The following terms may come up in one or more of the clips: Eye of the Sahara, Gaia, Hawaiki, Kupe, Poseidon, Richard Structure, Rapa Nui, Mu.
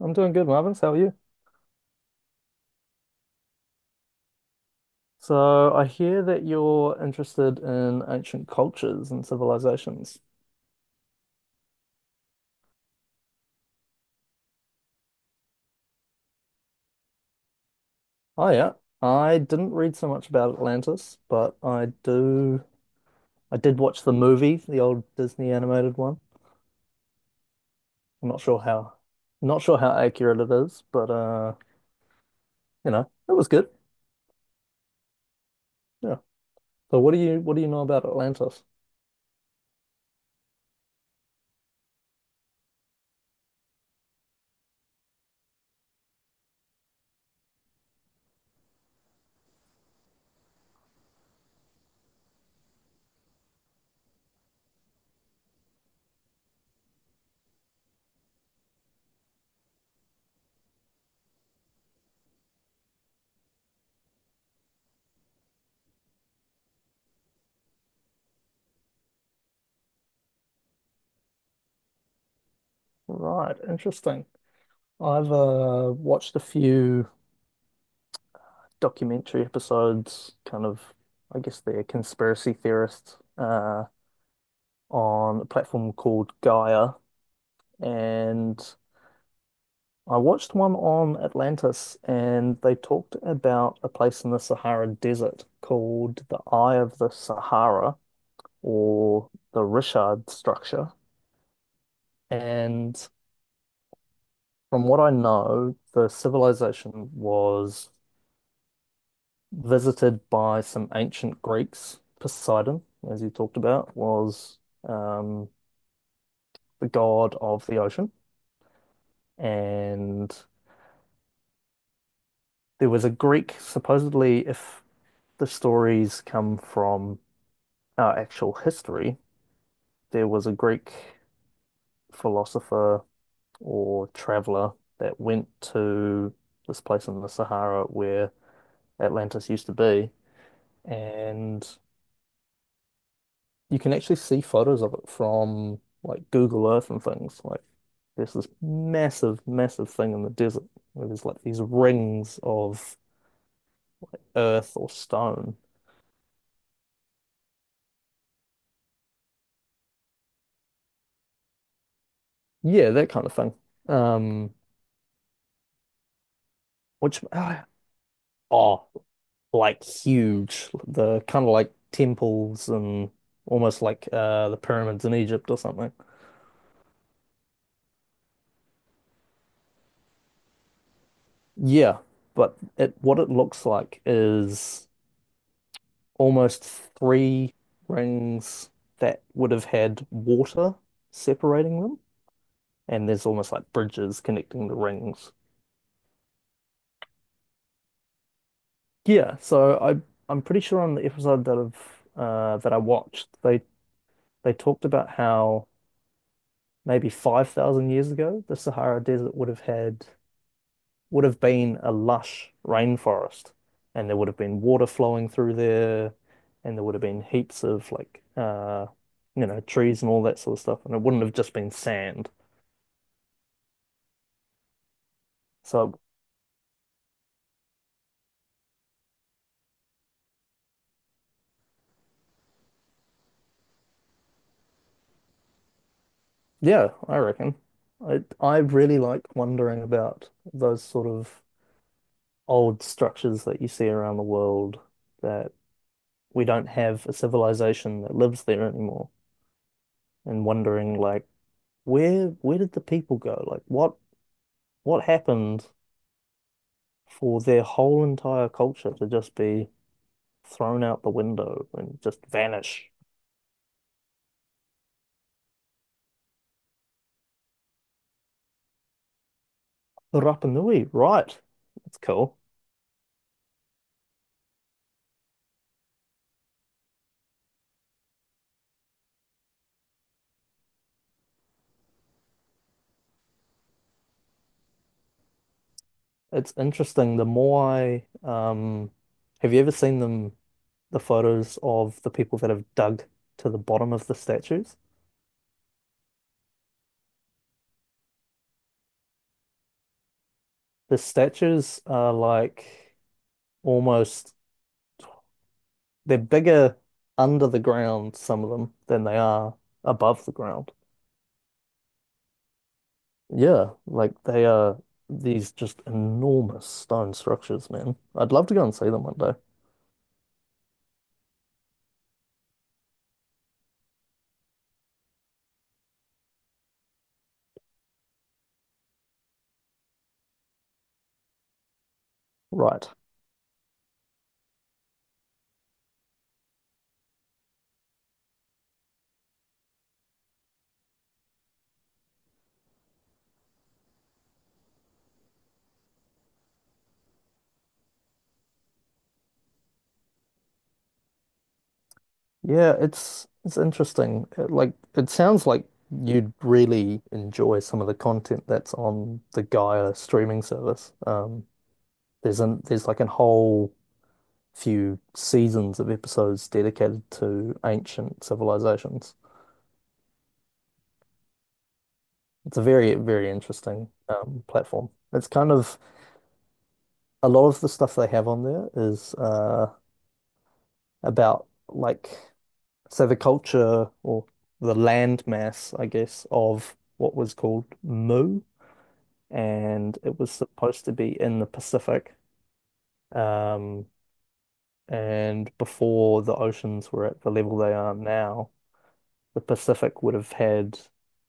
I'm doing good, Marvin. How are you? So I hear that you're interested in ancient cultures and civilizations. Oh yeah. I didn't read so much about Atlantis, but I did watch the movie, the old Disney animated one. I'm not sure how not sure how accurate it is, but you know, it was good. Yeah. So what do you know about Atlantis? Right, interesting. I've watched a few documentary episodes, kind of, I guess they're conspiracy theorists, on a platform called Gaia. And I watched one on Atlantis, and they talked about a place in the Sahara Desert called the Eye of the Sahara or the Richard Structure. And from what I know, the civilization was visited by some ancient Greeks. Poseidon, as you talked about, was um, the god of the ocean. And there was a Greek, supposedly, if the stories come from actual history, there was a Greek philosopher or traveler that went to this place in the Sahara where Atlantis used to be. And you can actually see photos of it from like Google Earth and things. Like there's this massive, massive thing in the desert where there's like these rings of earth or stone. Yeah, that kind of thing. Um, which oh, like huge. The kind of like temples and almost like the pyramids in Egypt or something. Yeah, but it what it looks like is almost three rings that would have had water separating them, and there's almost like bridges connecting the rings. Yeah, so I'm pretty sure on the episode that I've that I watched, they talked about how maybe 5,000 years ago the Sahara Desert would have been a lush rainforest, and there would have been water flowing through there, and there would have been heaps of like trees and all that sort of stuff, and it wouldn't have just been sand. So yeah, I reckon. I really like wondering about those sort of old structures that you see around the world that we don't have a civilization that lives there anymore, and wondering like where did the people go? Like what happened for their whole entire culture to just be thrown out the window and just vanish. Rapa Nui, right. That's cool. It's interesting. Have you ever seen them, the photos of the people that have dug to the bottom of the statues? The statues are like almost, they're bigger under the ground, some of them, than they are above the ground. Yeah, like they are these just enormous stone structures, man. I'd love to go and see them one day. Right. Yeah, it's interesting. It sounds like you'd really enjoy some of the content that's on the Gaia streaming service. There's an there's like a whole few seasons of episodes dedicated to ancient civilizations. It's a very, very interesting platform. It's kind of a lot of the stuff they have on there is about like the culture or the land mass, I guess, of what was called Mu, and it was supposed to be in the Pacific, um, and before the oceans were at the level they are now, the Pacific would have had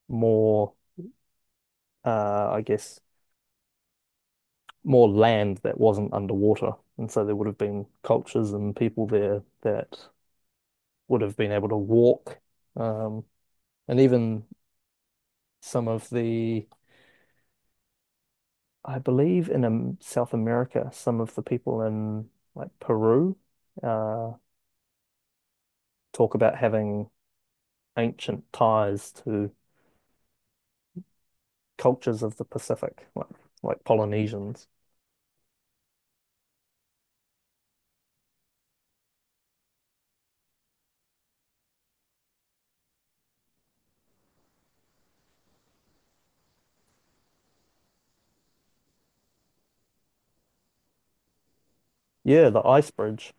more, I guess, more land that wasn't underwater, and so there would have been cultures and people there that would have been able to walk, um, and even some of the I believe in South America, some of the people in like Peru uh, talk about having ancient ties to cultures of the Pacific, like Polynesians. Yeah, the ice bridge.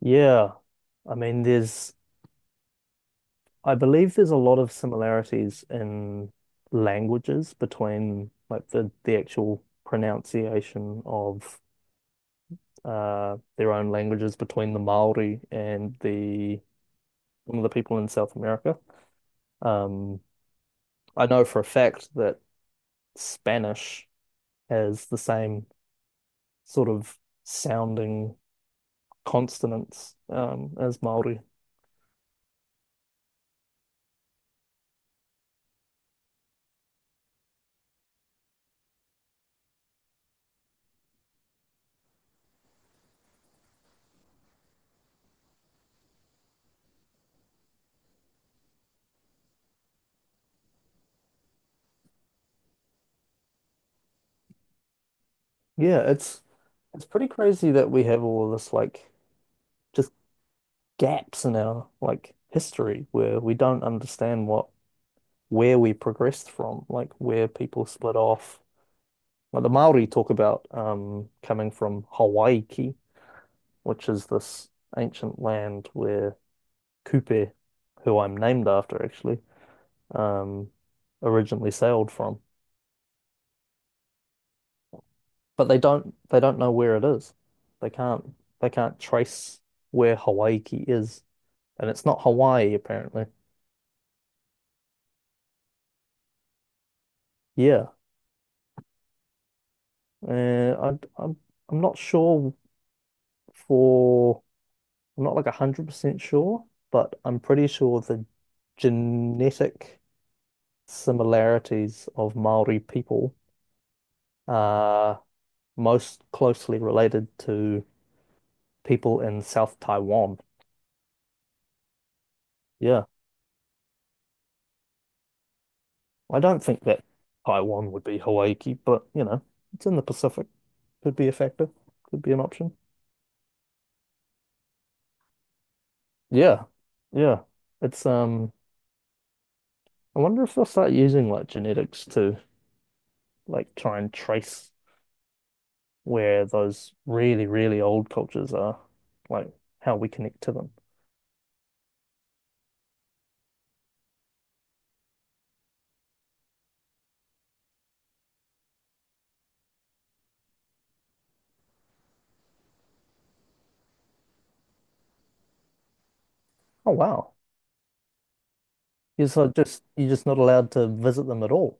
Yeah, I mean, there's I believe there's a lot of similarities in languages between like the actual pronunciation of their own languages between the Maori and the some of the people in South America. Um, I know for a fact that Spanish has the same sort of sounding consonants as Maori. Yeah, it's pretty crazy that we have all this like just gaps in our like history where we don't understand what where we progressed from, like where people split off. Like the Maori talk about coming from Hawaiki, which is this ancient land where Kupe, who I'm named after actually, um, originally sailed from. But they don't know where it is. They can't they can't trace where Hawaii is, and it's not Hawaii apparently. Yeah, uh, I, I'm I'm not sure for I'm not like 100% sure, but I'm pretty sure the genetic similarities of Maori people are most closely related to people in South Taiwan. Yeah. I don't think that Taiwan would be Hawaii, but you know, it's in the Pacific. Could be a factor. Could be an option. Yeah. Yeah. It's I wonder if they'll start using like genetics to like try and trace where those really, really old cultures are, like how we connect to them. Oh wow. You're just not allowed to visit them at all.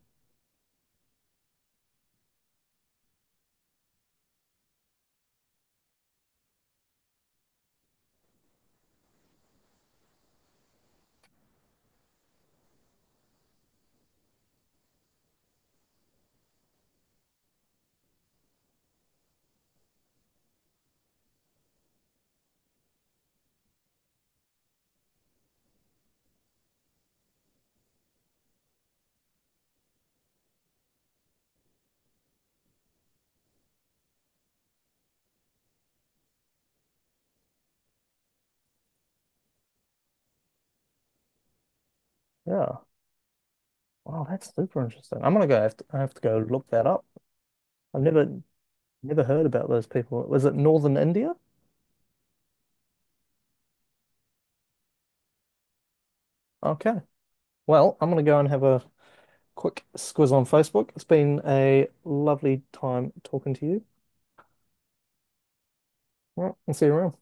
Yeah. Wow, that's super interesting. I have to go look that up. I've never never heard about those people. Was it Northern India? Okay. Well, I'm going to go and have a quick squiz on Facebook. It's been a lovely time talking to you. Right, I'll see you around.